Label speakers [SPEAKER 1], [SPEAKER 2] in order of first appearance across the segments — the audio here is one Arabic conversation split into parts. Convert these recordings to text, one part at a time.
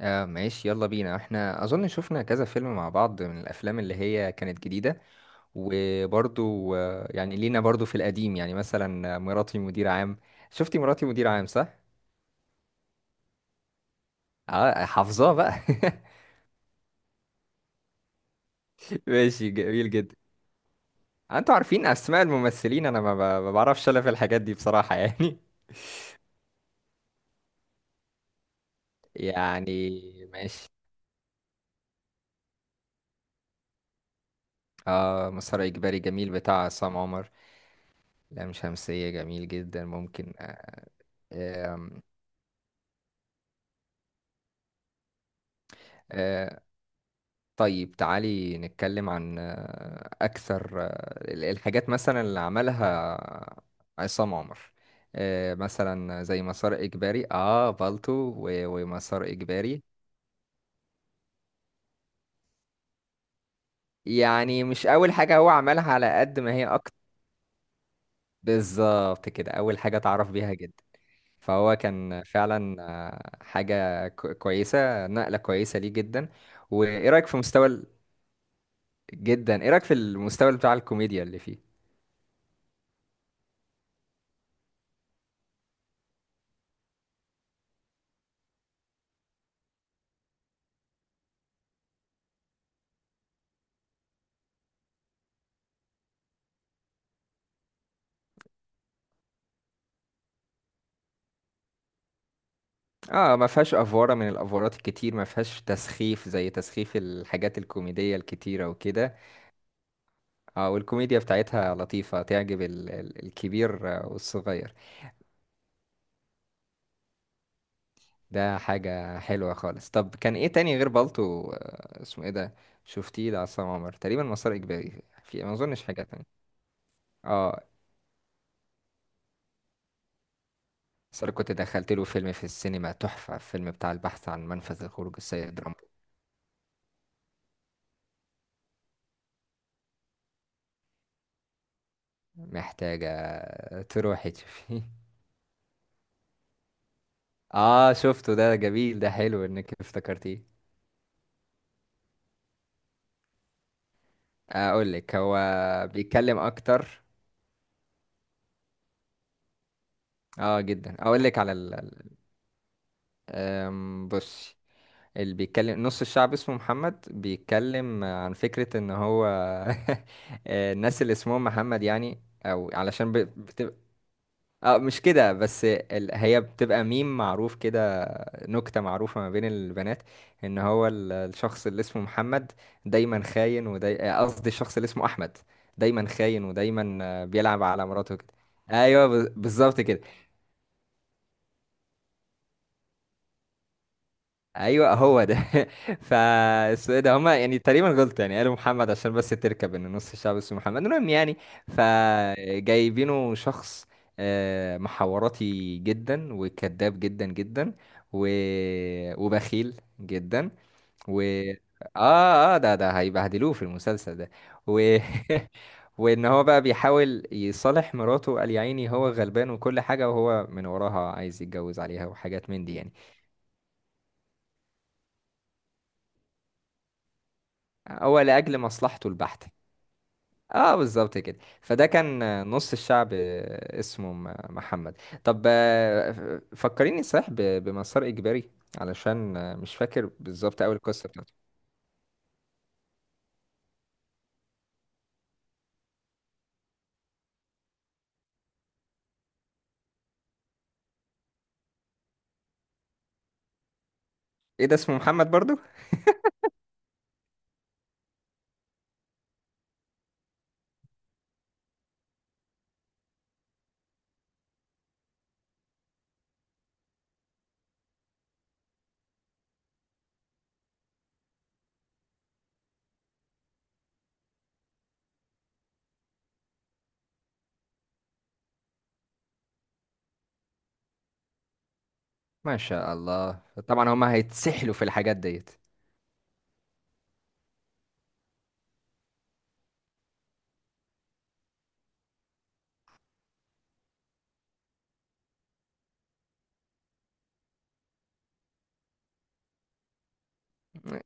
[SPEAKER 1] آه، ماشي، يلا بينا. احنا اظن شفنا كذا فيلم مع بعض، من الافلام اللي هي كانت جديدة. وبرضو يعني لينا برضو في القديم، يعني مثلا مراتي مدير عام. شفتي مراتي مدير عام، صح؟ اه، حافظاه بقى. ماشي، جميل جدا. انتوا عارفين اسماء الممثلين، انا ما بعرفش الا في الحاجات دي بصراحة يعني. يعني ماشي. اه، مسار اجباري جميل بتاع عصام عمر. لام شمسية جميل جدا، ممكن. آه، آم، آه، طيب، تعالي نتكلم عن أكثر الحاجات مثلا اللي عملها عصام عمر. مثلا زي مسار إجباري، بالطو و- ومسار إجباري. يعني مش أول حاجة هو عملها، على قد ما هي أكتر. بالظبط كده، أول حاجة اتعرف بيها جدا. فهو كان فعلا حاجة كويسة، نقلة كويسة ليه جدا. وإيه رأيك في مستوى. جدا، إيه رأيك في المستوى بتاع الكوميديا اللي فيه؟ اه، ما فيهاش افوره من الافورات الكتير، ما فيهاش تسخيف زي تسخيف الحاجات الكوميديه الكتيره وكده. اه، والكوميديا بتاعتها لطيفه، تعجب الكبير والصغير. ده حاجه حلوه خالص. طب كان ايه تاني غير بالطو؟ اسمه ايه ده؟ شفتيه لعصام عمر تقريبا مسار اجباري، في ما اظنش حاجه تانية. اه، بس أنا كنت دخلت له فيلم في السينما تحفه، فيلم بتاع البحث عن منفذ لخروج السيد رامبو. محتاجه تروحي تشوفيه. اه، شفته، ده جميل، ده حلو انك افتكرتيه. اقول لك هو بيتكلم اكتر. اه جدا، اقول لك على ال... ال- أم، بصي. اللي بيتكلم نص الشعب اسمه محمد، بيتكلم عن فكرة ان هو الناس اللي اسمهم محمد، يعني، او علشان بتبقى. اه، مش كده بس، هي بتبقى ميم معروف كده، نكتة معروفة ما بين البنات. ان هو الشخص اللي اسمه محمد دايما خاين، وداي آه، قصدي الشخص اللي اسمه احمد، دايما خاين ودايما بيلعب على مراته كده. ايوه، بالظبط كده. ايوه، هو ده. فاسمه إيه ده؟ هما يعني تقريبا غلط، يعني قالوا محمد عشان بس تركب ان نص الشعب اسمه محمد، المهم يعني. فجايبينه شخص محوراتي جدا، وكذاب جدا جدا، و... وبخيل جدا. و اه اه ده ده هيبهدلوه في المسلسل ده. و وان هو بقى بيحاول يصالح مراته، وقال يا عيني هو غلبان وكل حاجة، وهو من وراها عايز يتجوز عليها وحاجات من دي يعني. هو لأجل مصلحته البحتة. اه، بالظبط كده، فده كان نص الشعب اسمه محمد. طب فكريني صحيح بمسار إجباري، علشان مش فاكر بالظبط أول القصة بتاعته. ايه ده اسمه محمد برضو؟ ما شاء الله. طبعا هما هيتسحلوا في الحاجات ديت. اه،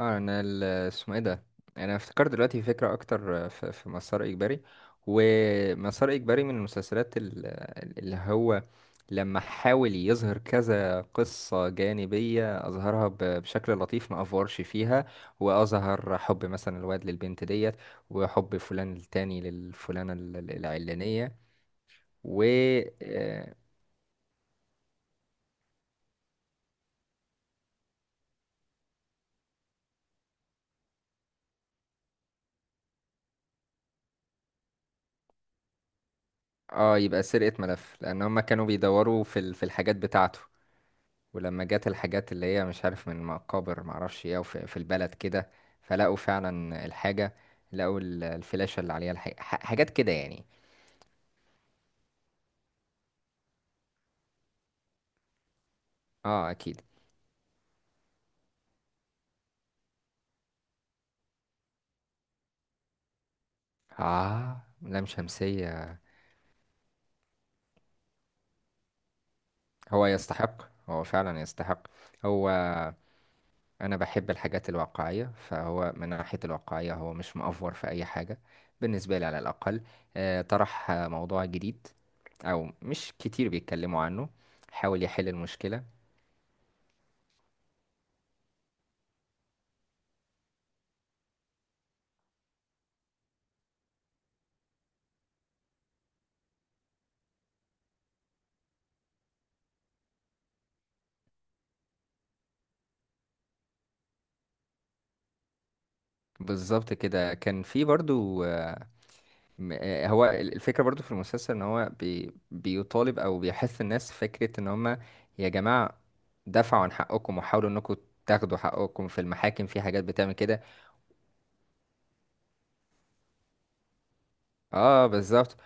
[SPEAKER 1] انا اسمه ايه ده؟ يعني انا افتكرت دلوقتي فكره اكتر في مسار اجباري. ومسار اجباري من المسلسلات اللي هو لما حاول يظهر كذا قصه جانبيه، اظهرها بشكل لطيف، ما افورش فيها. واظهر حب مثلا الواد للبنت ديت، وحب فلان التاني للفلانه العلانيه. و اه آه، يبقى سرقه ملف، لان هم كانوا بيدوروا في في الحاجات بتاعته. ولما جت الحاجات اللي هي مش عارف من مقابر، معرفش ايه، وفي البلد كده، فلقوا فعلا الحاجة، لقوا الفلاشة اللي عليها الحاجة، حاجات كده يعني. اه اكيد. اه، لام شمسية. هو يستحق. هو فعلا يستحق. هو انا بحب الحاجات الواقعية، فهو من ناحية الواقعية هو مش مأفور في اي حاجة، بالنسبة لي على الاقل. طرح موضوع جديد، او مش كتير بيتكلموا عنه. حاول يحل المشكلة. بالظبط كده. كان في برضو هو الفكرة برضو في المسلسل ان هو بيطالب او بيحث الناس فكرة ان هم، يا جماعة، دافعوا عن حقكم وحاولوا انكم تاخدوا حقكم في المحاكم، في حاجات بتعمل كده. اه بالظبط.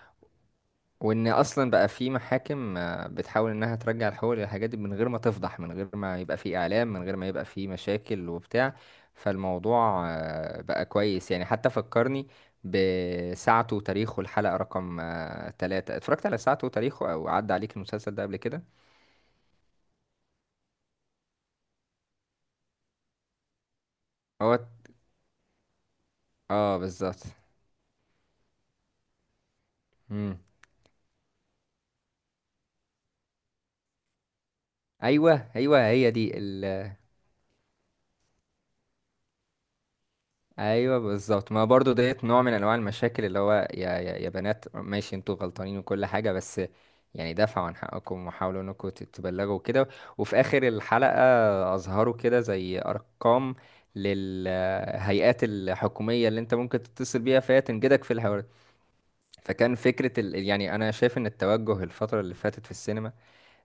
[SPEAKER 1] وان اصلا بقى في محاكم بتحاول انها ترجع الحقوق للحاجات دي، من غير ما تفضح، من غير ما يبقى في اعلام، من غير ما يبقى في مشاكل وبتاع. فالموضوع بقى كويس، يعني حتى فكرني بساعته وتاريخه. الحلقة رقم 3، اتفرجت على ساعته وتاريخه، او عدى عليك المسلسل ده قبل كده؟ هو اه، بالظبط. مم. ايوه ايوه، هي دي. ايوه، بالظبط، ما برضو ديت نوع من انواع المشاكل اللي هو، يا بنات، ماشي انتوا غلطانين وكل حاجه، بس يعني دافعوا عن حقكم وحاولوا انكم تتبلغوا كده. وفي اخر الحلقه اظهروا كده زي ارقام للهيئات الحكوميه اللي انت ممكن تتصل بيها فهي تنجدك في الحوار. فكان فكره يعني انا شايف ان التوجه الفتره اللي فاتت في السينما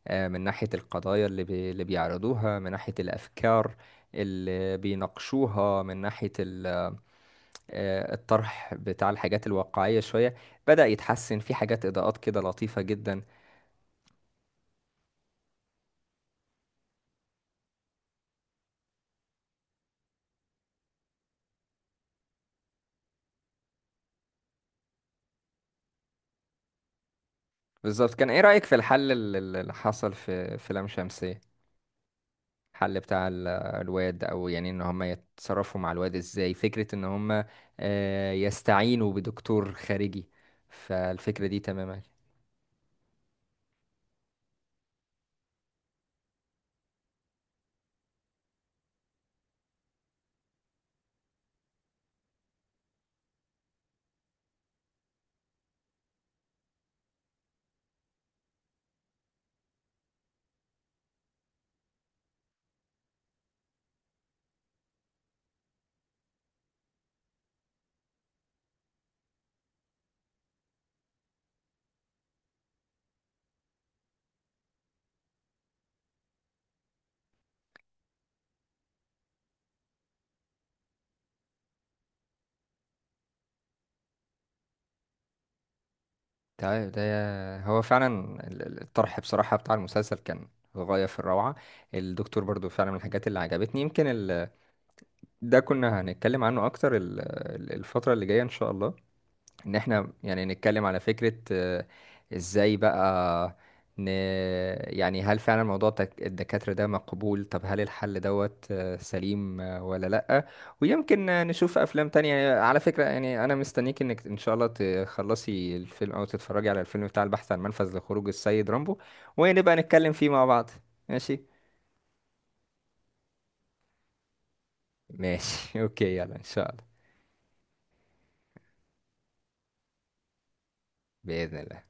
[SPEAKER 1] من ناحيه القضايا اللي بيعرضوها، من ناحيه الافكار اللي بيناقشوها، من ناحيه ال... آه، الطرح بتاع الحاجات الواقعية شوية بدأ يتحسن، في حاجات إضاءات كده لطيفة جدا. بالظبط، كان إيه رأيك في الحل اللي حصل في لام شمسية؟ الحل بتاع الواد، أو يعني إن هم يتصرفوا مع الواد إزاي، فكرة إن هم يستعينوا بدكتور خارجي، فالفكرة دي تماما. ده هو فعلا الطرح بصراحة بتاع المسلسل كان غاية في الروعة. الدكتور برضو فعلا من الحاجات اللي عجبتني، يمكن ده كنا هنتكلم عنه اكتر الفترة اللي جاية ان شاء الله. ان احنا يعني نتكلم على فكرة ازاي بقى ن... يعني هل فعلا موضوع الدكاترة ده مقبول؟ طب هل الحل دوت سليم ولا لأ؟ ويمكن نشوف افلام تانية على فكرة، يعني انا مستنيك انك ان شاء الله تخلصي الفيلم، او تتفرجي على الفيلم بتاع البحث عن منفذ لخروج السيد رامبو، ونبقى نتكلم فيه مع بعض. ماشي. ماشي. اوكي، يلا ان شاء الله. بإذن الله.